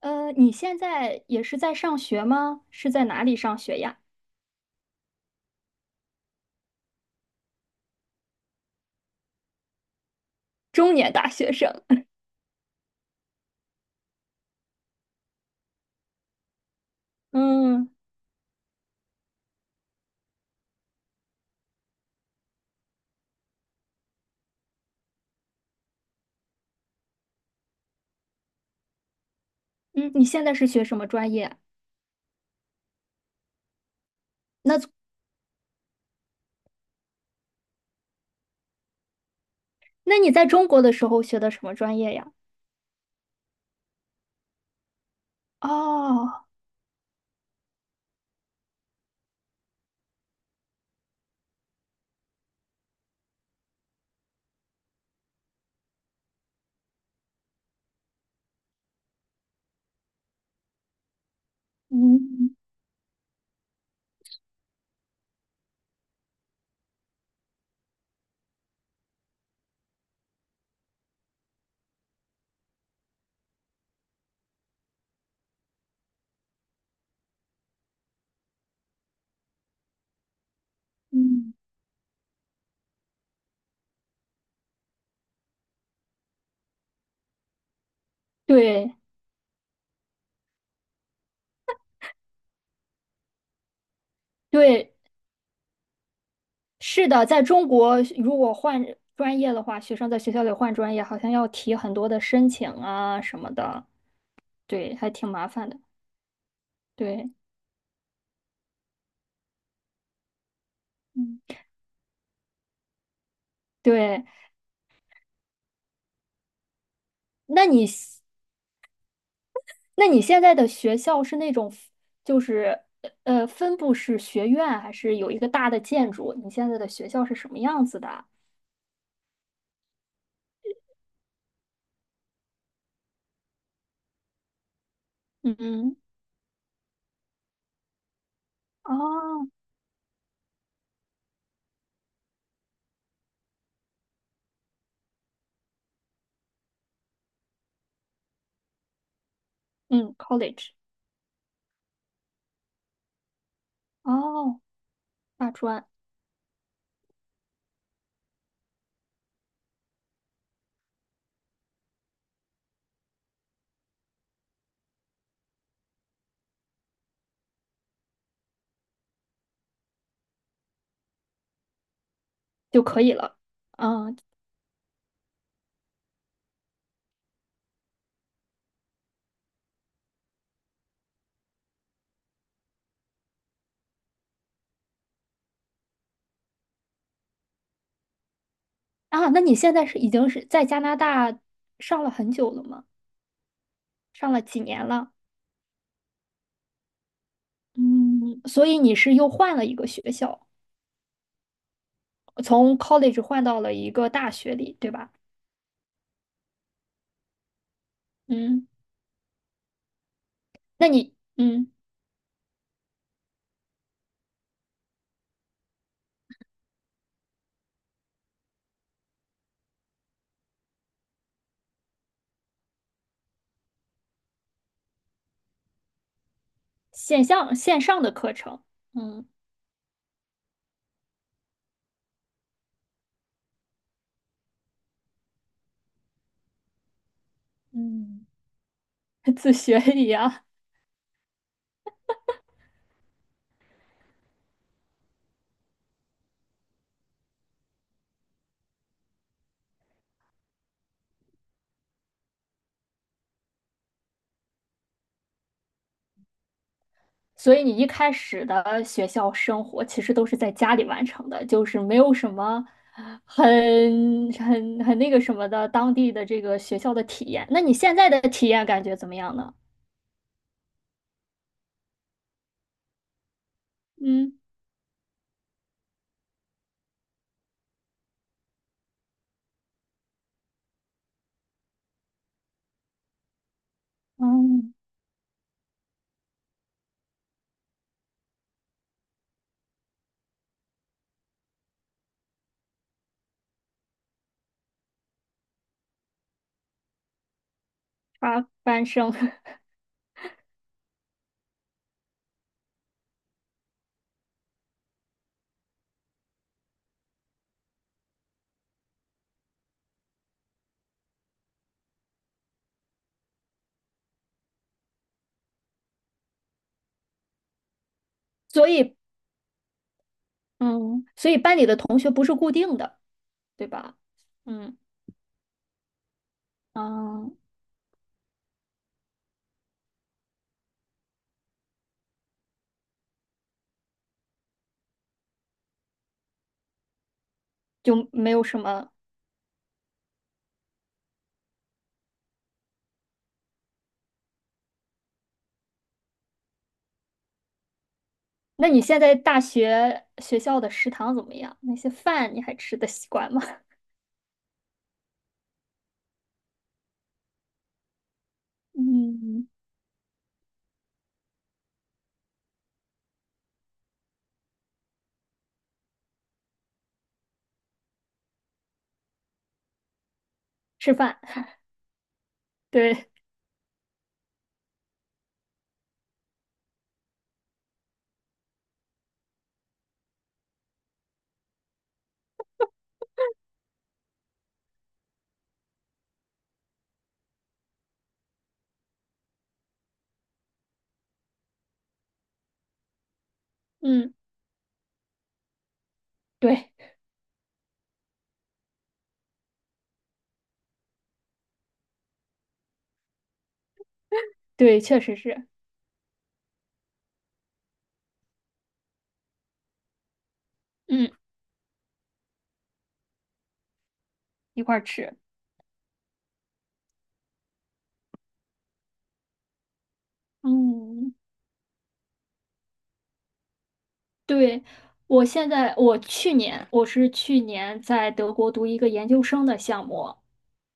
你现在也是在上学吗？是在哪里上学呀？中年大学生。嗯嗯，你现在是学什么专业啊？那那你在中国的时候学的什么专业呀？哦，嗯嗯，对对，是的，在中国如果换专业的话，学生在学校里换专业，好像要提很多的申请啊什么的，对，还挺麻烦的。对，嗯，对，那你。那你现在的学校是那种，就是分布式学院，还是有一个大的建筑？你现在的学校是什么样子的啊？嗯，哦，嗯，college,哦，大专就可以了。嗯啊，那你现在是已经是在加拿大上了很久了吗？上了几年了？嗯，所以你是又换了一个学校，从 college 换到了一个大学里，对吧？嗯，那你嗯线上的课程。嗯。嗯，自学一样。所以你一开始的学校生活其实都是在家里完成的，就是没有什么很很那个什么的当地的这个学校的体验。那你现在的体验感觉怎么样呢？嗯，嗯，插班生，所以嗯，所以班里的同学不是固定的，对吧？嗯嗯，就没有什么。那你现在大学学校的食堂怎么样？那些饭你还吃得习惯吗？嗯，吃饭，对，嗯，对，对，确实是，嗯，一块儿吃，嗯，对，我现在，我去年，我是去年在德国读一个研究生的项目，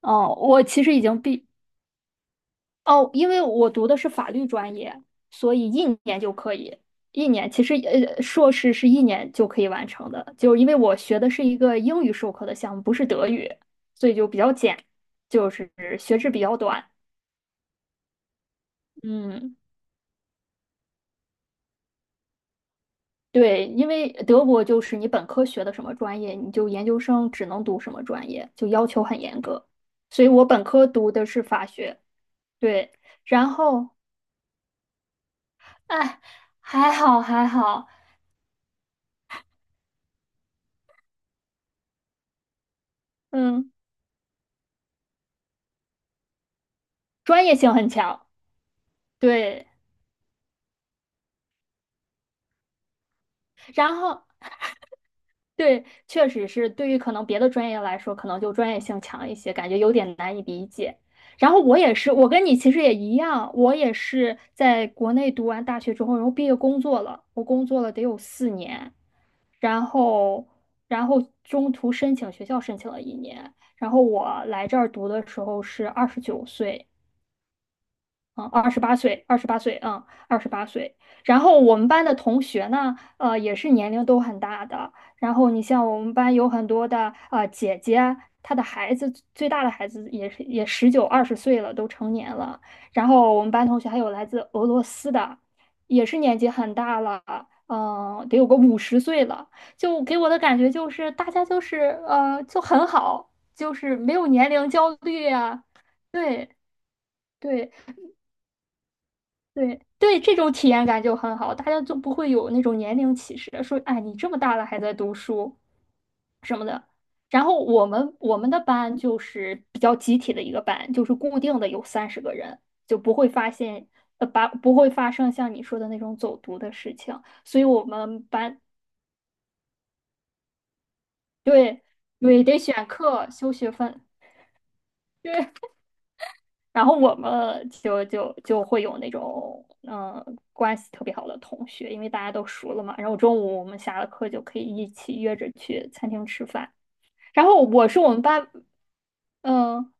哦，我其实已经毕，哦，因为我读的是法律专业，所以一年就可以，一年，其实硕士是一年就可以完成的，就是因为我学的是一个英语授课的项目，不是德语，所以就比较简，就是学制比较短，嗯。对，因为德国就是你本科学的什么专业，你就研究生只能读什么专业，就要求很严格。所以我本科读的是法学，对，然后，哎，还好还好，嗯，专业性很强，对，然后对，确实是对于可能别的专业来说，可能就专业性强一些，感觉有点难以理解。然后我也是，我跟你其实也一样，我也是在国内读完大学之后，然后毕业工作了，我工作了得有4年。然后，中途申请学校申请了一年，然后我来这儿读的时候是29岁，嗯，二十八岁，二十八岁，嗯，二十八岁。然后我们班的同学呢，也是年龄都很大的。然后你像我们班有很多的姐姐，她的孩子最大的孩子也是也19、20岁了，都成年了。然后我们班同学还有来自俄罗斯的，也是年纪很大了，嗯、得有个50岁了。就给我的感觉就是大家就是就很好，就是没有年龄焦虑啊，对。对，对对，这种体验感就很好，大家就不会有那种年龄歧视，说哎，你这么大了还在读书什么的。然后我们的班就是比较集体的一个班，就是固定的有30个人，就不会发现不会发生像你说的那种走读的事情，所以我们班对对得选课修学分，对然后我们就会有那种嗯、关系特别好的同学，因为大家都熟了嘛。然后中午我们下了课就可以一起约着去餐厅吃饭。然后我是我们班，嗯、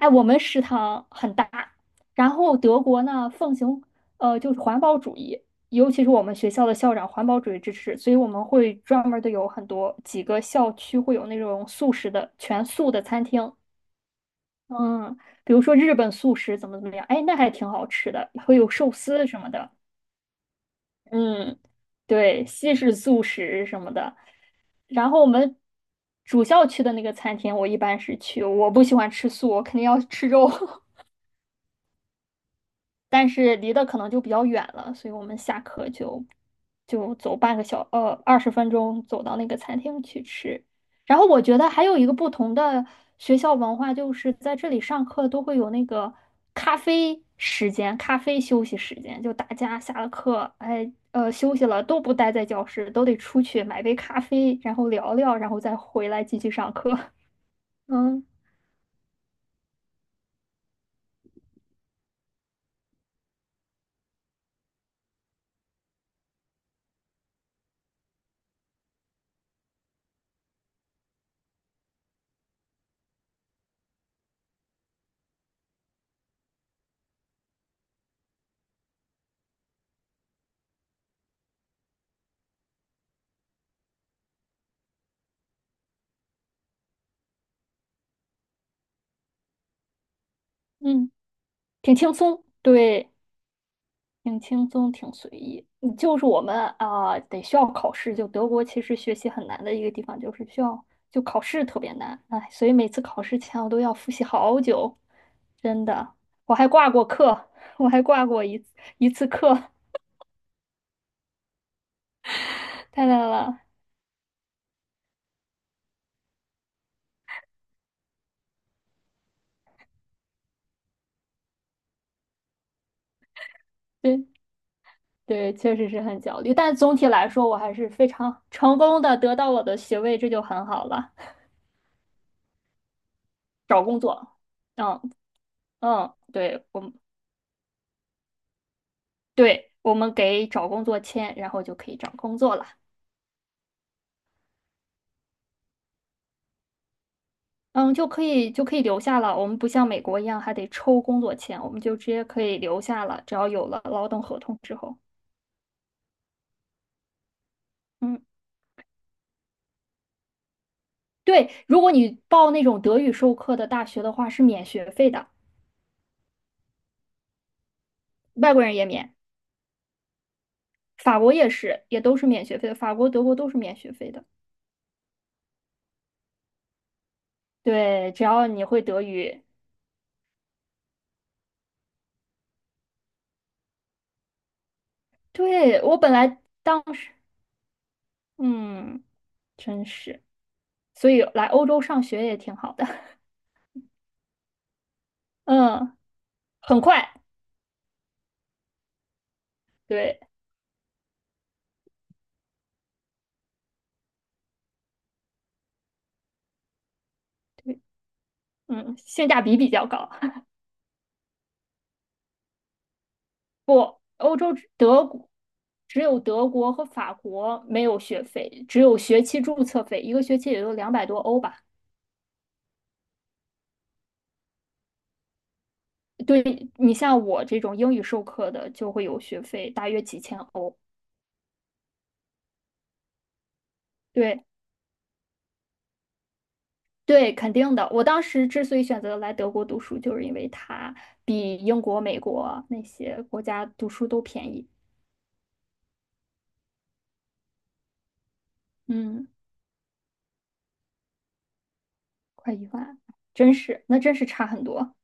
哎，我们食堂很大，然后德国呢奉行就是环保主义，尤其是我们学校的校长环保主义支持，所以我们会专门的有很多几个校区会有那种素食的全素的餐厅，嗯，比如说日本素食怎么怎么样，哎，那还挺好吃的，会有寿司什么的。嗯，对，西式素食什么的。然后我们主校区的那个餐厅，我一般是去，我不喜欢吃素，我肯定要吃肉。但是离得可能就比较远了，所以我们下课就走半个小呃20分钟走到那个餐厅去吃。然后我觉得还有一个不同的学校文化，就是在这里上课都会有那个咖啡时间、咖啡休息时间，就大家下了课，哎休息了都不待在教室，都得出去买杯咖啡，然后聊聊，然后再回来继续上课。嗯嗯，挺轻松，对。挺轻松，挺随意。嗯就是我们啊、得需要考试。就德国其实学习很难的一个地方，就是需要就考试特别难。哎，所以每次考试前我都要复习好久，真的。我还挂过课，我还挂过一次课，太难了。对对，确实是很焦虑。但总体来说，我还是非常成功的得到我的学位，这就很好了。找工作，嗯嗯，对我们给找工作签，然后就可以找工作了。嗯，就可以留下了。我们不像美国一样还得抽工作签，我们就直接可以留下了。只要有了劳动合同之后，嗯，对，如果你报那种德语授课的大学的话，是免学费的，外国人也免，法国也是，也都是免学费的，法国、德国都是免学费的。对，只要你会德语。对，我本来当时，嗯，真是，所以来欧洲上学也挺好的，嗯，很快，对对，嗯，性价比比较高。不，欧洲只有德国和法国没有学费，只有学期注册费，一个学期也就200多欧吧。对，你像我这种英语授课的，就会有学费，大约几千欧。对对，肯定的。我当时之所以选择来德国读书，就是因为它比英国、美国那些国家读书都便宜。嗯，快1万，真是，那真是差很多。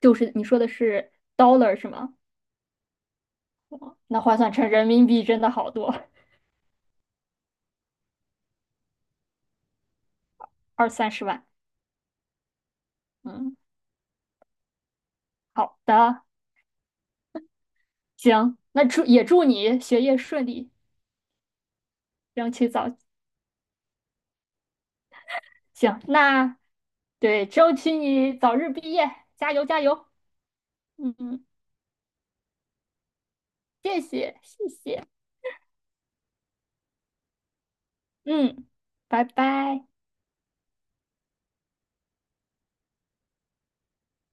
就是你说的是 dollar 是吗？哦那换算成人民币真的好多。二三十万。嗯，好的，行，那祝也祝你学业顺利，争取早，行，那对，争取你早日毕业，加油加油。嗯，谢谢谢谢，嗯，拜拜。